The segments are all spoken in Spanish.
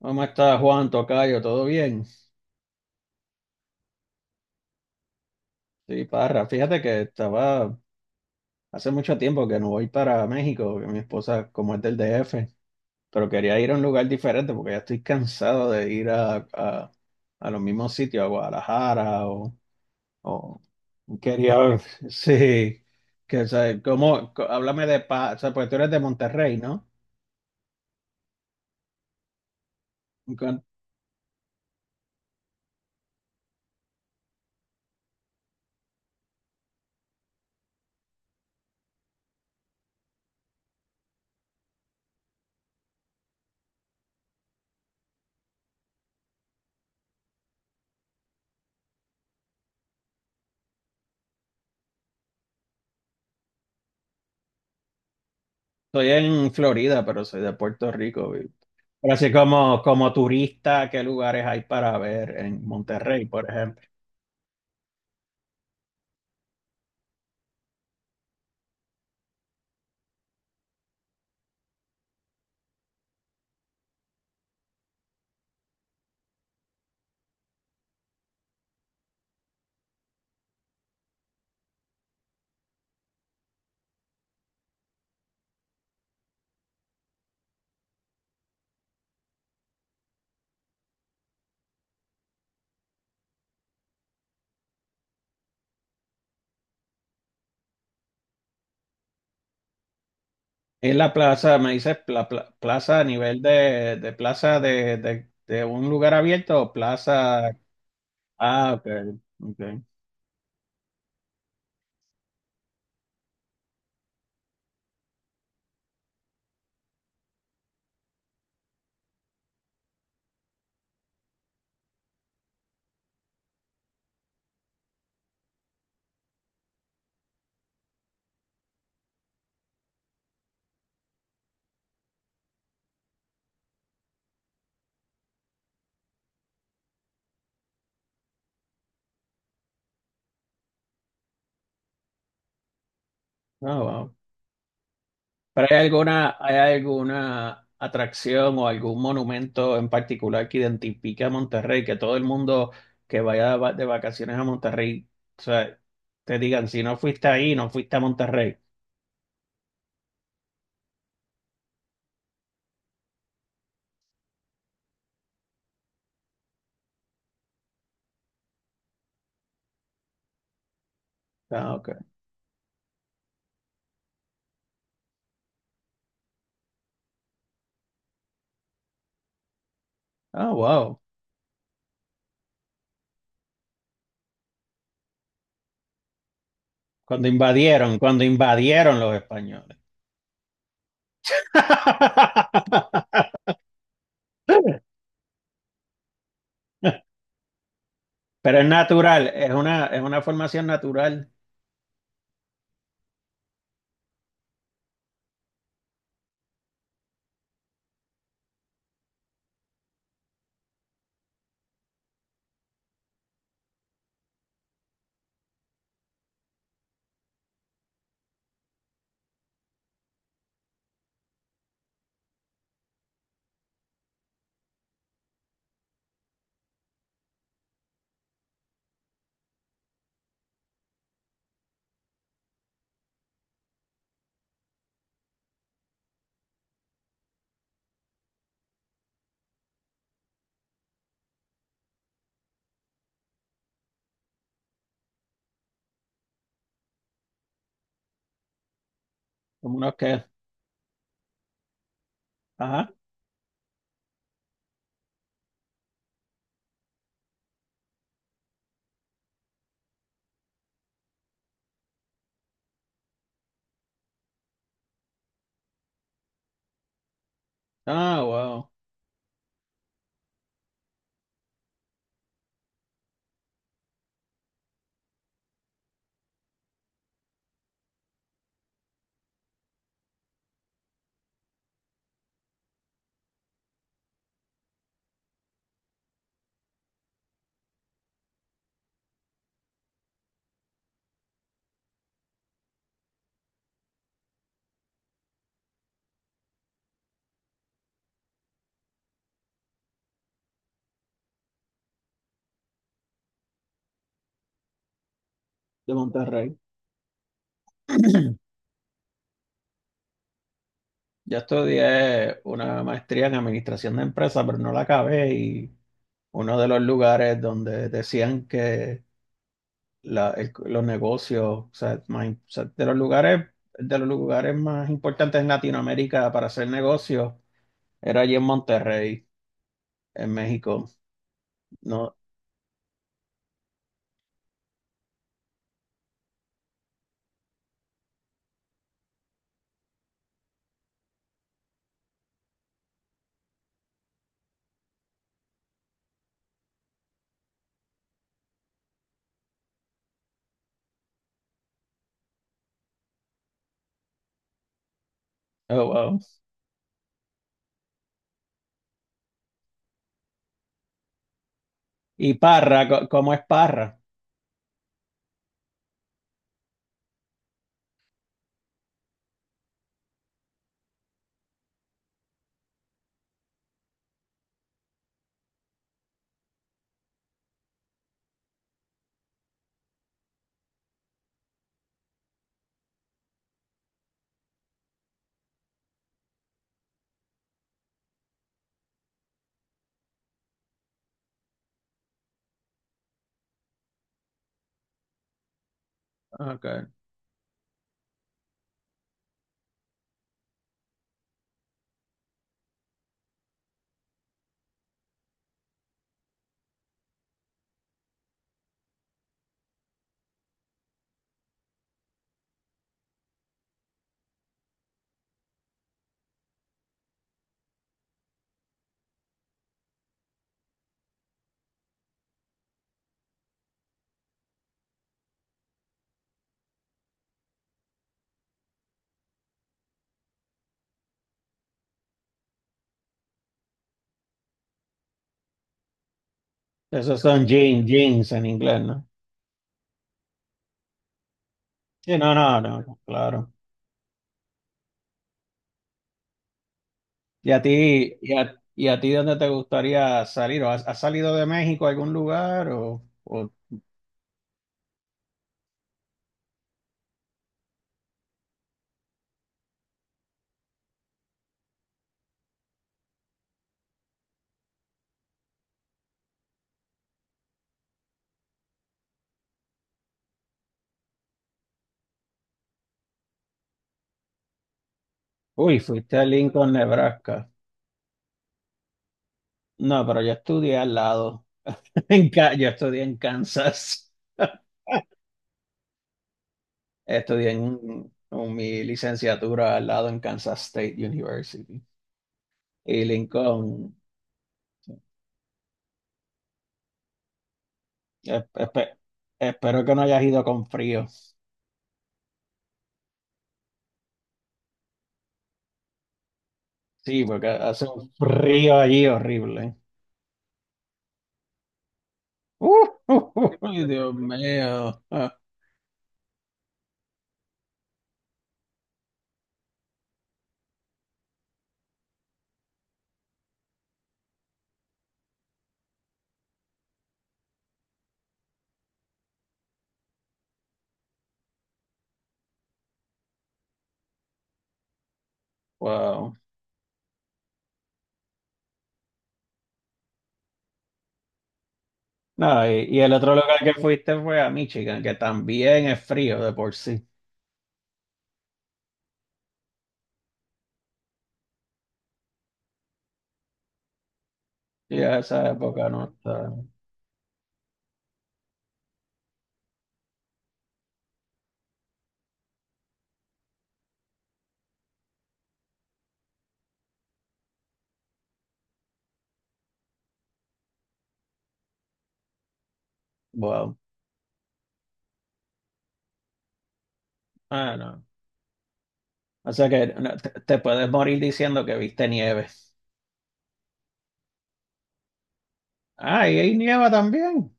¿Cómo estás, Juan Tocayo? ¿Todo bien? Sí, Parra. Fíjate que estaba hace mucho tiempo que no voy para México, que mi esposa, como es del DF, pero quería ir a un lugar diferente porque ya estoy cansado de ir a los mismos sitios, a Guadalajara o- quería ver, sí, que, o sea, ¿cómo? Co- Háblame de paz, o sea, pues tú eres de Monterrey, ¿no? Con- Estoy en Florida, pero soy de Puerto Rico. Pero así como, como turista, ¿qué lugares hay para ver en Monterrey, por ejemplo? Es la plaza, me dices plaza a nivel de plaza de un lugar abierto o plaza. Ah, ok, ok. Ah, wow. ¿Pero hay alguna atracción o algún monumento en particular que identifique a Monterrey? Que todo el mundo que vaya de de vacaciones a Monterrey, o sea, te digan, si no fuiste ahí, no fuiste a Monterrey. Ah, ok. Ah, wow. Cuando invadieron los españoles. Pero es natural, es una formación natural, como unos que. Ajá. Ah, wow. De Monterrey. Yo estudié una maestría en administración de empresas, pero no la acabé. Y uno de los lugares donde decían que los negocios, o sea, de los lugares más importantes en Latinoamérica para hacer negocios, era allí en Monterrey, en México. No, oh, wow. Y Parra, ¿cómo es Parra? Ok. Esos son jeans, jeans en inglés, ¿no? Sí, no, no, no, no, claro. Y a ti dónde te gustaría salir? ¿O has, has salido de México a algún lugar? Uy, fuiste a Lincoln, Nebraska. No, pero yo estudié al lado. En, yo estudié en Kansas. Estudié en mi licenciatura al lado en Kansas State University. Y Lincoln, espe- espe- espero que no hayas ido con frío. Sí, porque hace un frío allí horrible. ¡Uf! ¡Uy, Dios mío! Ah, wow. No, y el otro lugar que fuiste fue a Michigan, que también es frío de por sí. Y a esa época no está. Wow. Ah, no. O sea que no, te puedes morir diciendo que viste nieve. Ah, y hay nieva también.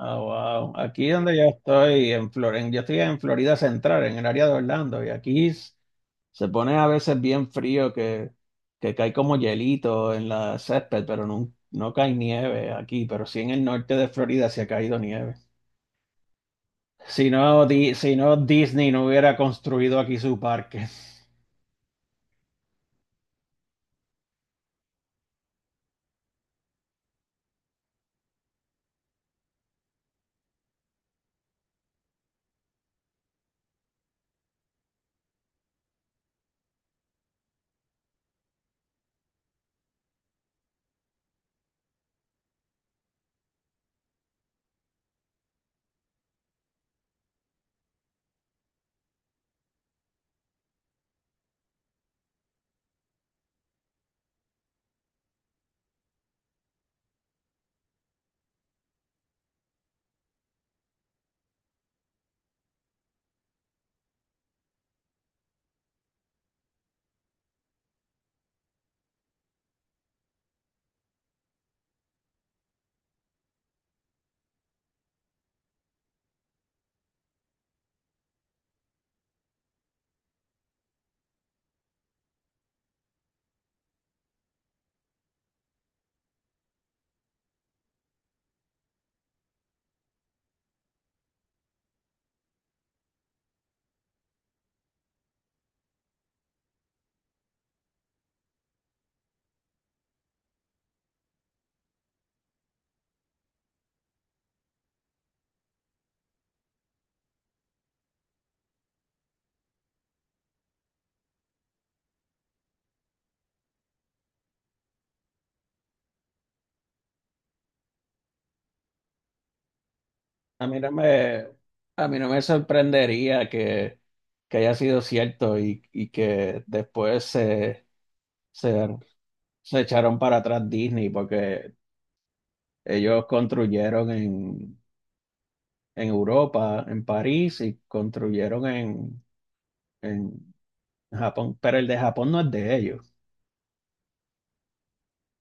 Ah, wow. Aquí donde yo estoy, en yo estoy en Florida Central, en el área de Orlando, y aquí se pone a veces bien frío que cae como hielito en la césped, pero no, no cae nieve aquí, pero sí en el norte de Florida se ha caído nieve. Si no, si no, Disney no hubiera construido aquí su parque. A mí no me, a mí no me sorprendería que haya sido cierto y que después se, se echaron para atrás Disney porque ellos construyeron en Europa, en París, y construyeron en Japón, pero el de Japón no es de ellos.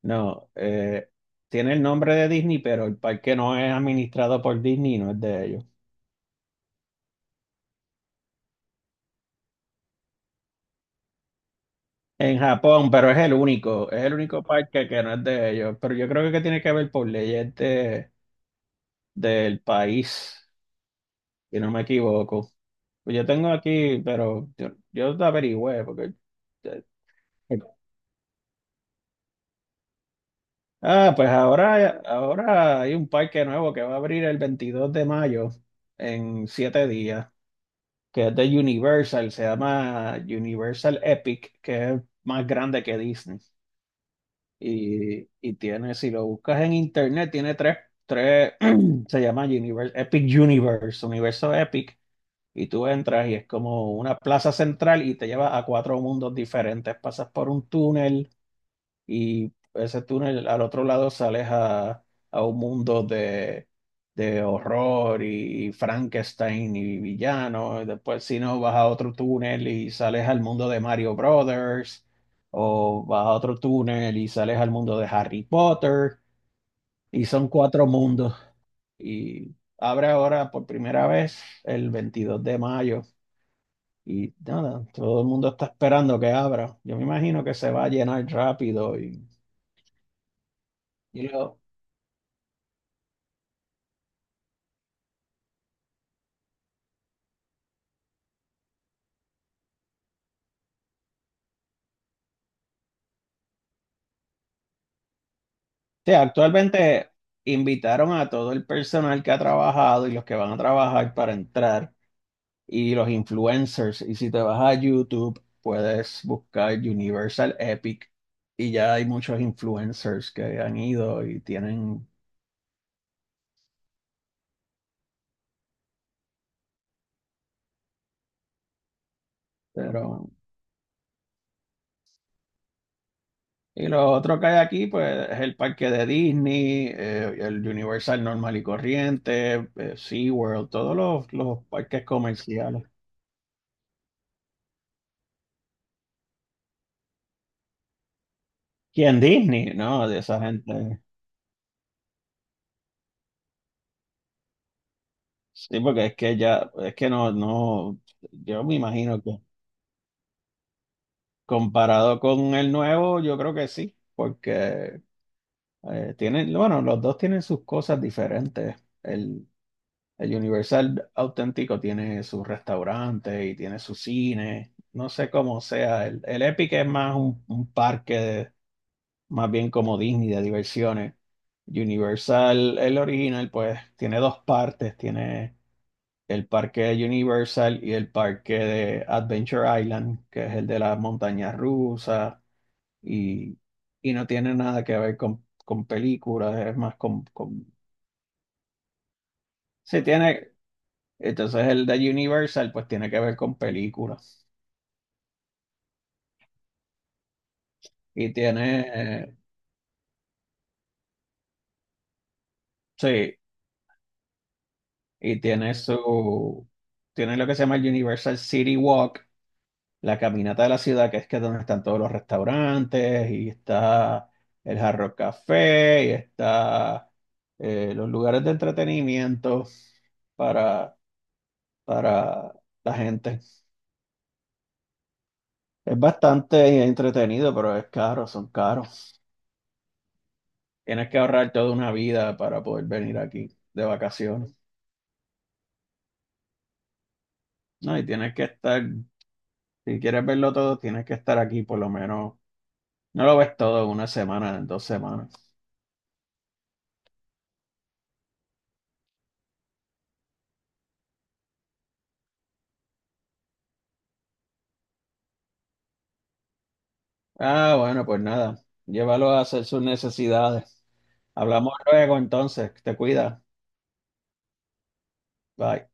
No, tiene el nombre de Disney, pero el parque no es administrado por Disney, no es de ellos. En Japón, pero es el único parque que no es de ellos. Pero yo creo que tiene que ver por leyes de, del país, si no me equivoco. Pues yo tengo aquí, pero yo te averigüé, porque... eh, Ah, pues ahora, ahora hay un parque nuevo que va a abrir el 22 de mayo en 7 días, que es de Universal, se llama Universal Epic, que es más grande que Disney. Y tiene, si lo buscas en internet, tiene tres, tres, se llama Universe, Epic Universe, Universo Epic, y tú entras y es como una plaza central y te lleva a 4 mundos diferentes. Pasas por un túnel y ese túnel al otro lado sales a un mundo de horror y Frankenstein y villano. Y después, si no, vas a otro túnel y sales al mundo de Mario Brothers, o vas a otro túnel y sales al mundo de Harry Potter, y son 4 mundos. Y abre ahora por primera vez el 22 de mayo. Y nada, todo el mundo está esperando que abra. Yo me imagino que se va a llenar rápido. Y, o sea, actualmente invitaron a todo el personal que ha trabajado y los que van a trabajar para entrar y los influencers. Y si te vas a YouTube, puedes buscar Universal Epic y ya hay muchos influencers que han ido y tienen, pero... Y lo otro que hay aquí, pues, es el parque de Disney, el Universal normal y corriente, SeaWorld, todos los parques comerciales. ¿Quién Disney? No, de esa gente. Sí, porque es que ya, es que no, no, yo me imagino que comparado con el nuevo, yo creo que sí, porque eh, tienen, bueno, los dos tienen sus cosas diferentes. El, el Universal auténtico tiene su restaurante y tiene su cine. No sé cómo sea. El Epic es más un parque, más bien como Disney de diversiones. Universal, el original, pues tiene dos partes. Tiene el parque de Universal y el parque de Adventure Island, que es el de las montañas rusas. Y, y no tiene nada que ver con películas, es más con sí, tiene. Entonces el de Universal pues tiene que ver con películas. Y tiene, sí, y tiene su, tiene lo que se llama el Universal City Walk, la caminata de la ciudad, que es donde están todos los restaurantes, y está el Hard Rock Café, y está los lugares de entretenimiento para, para la gente. Es bastante entretenido, pero es caro, son caros. Tienes que ahorrar toda una vida para poder venir aquí de vacaciones. No, y tienes que estar, si quieres verlo todo, tienes que estar aquí por lo menos. No lo ves todo en una semana, en dos semanas. Ah, bueno, pues nada. Llévalo a hacer sus necesidades. Hablamos luego entonces. Te cuida. Bye.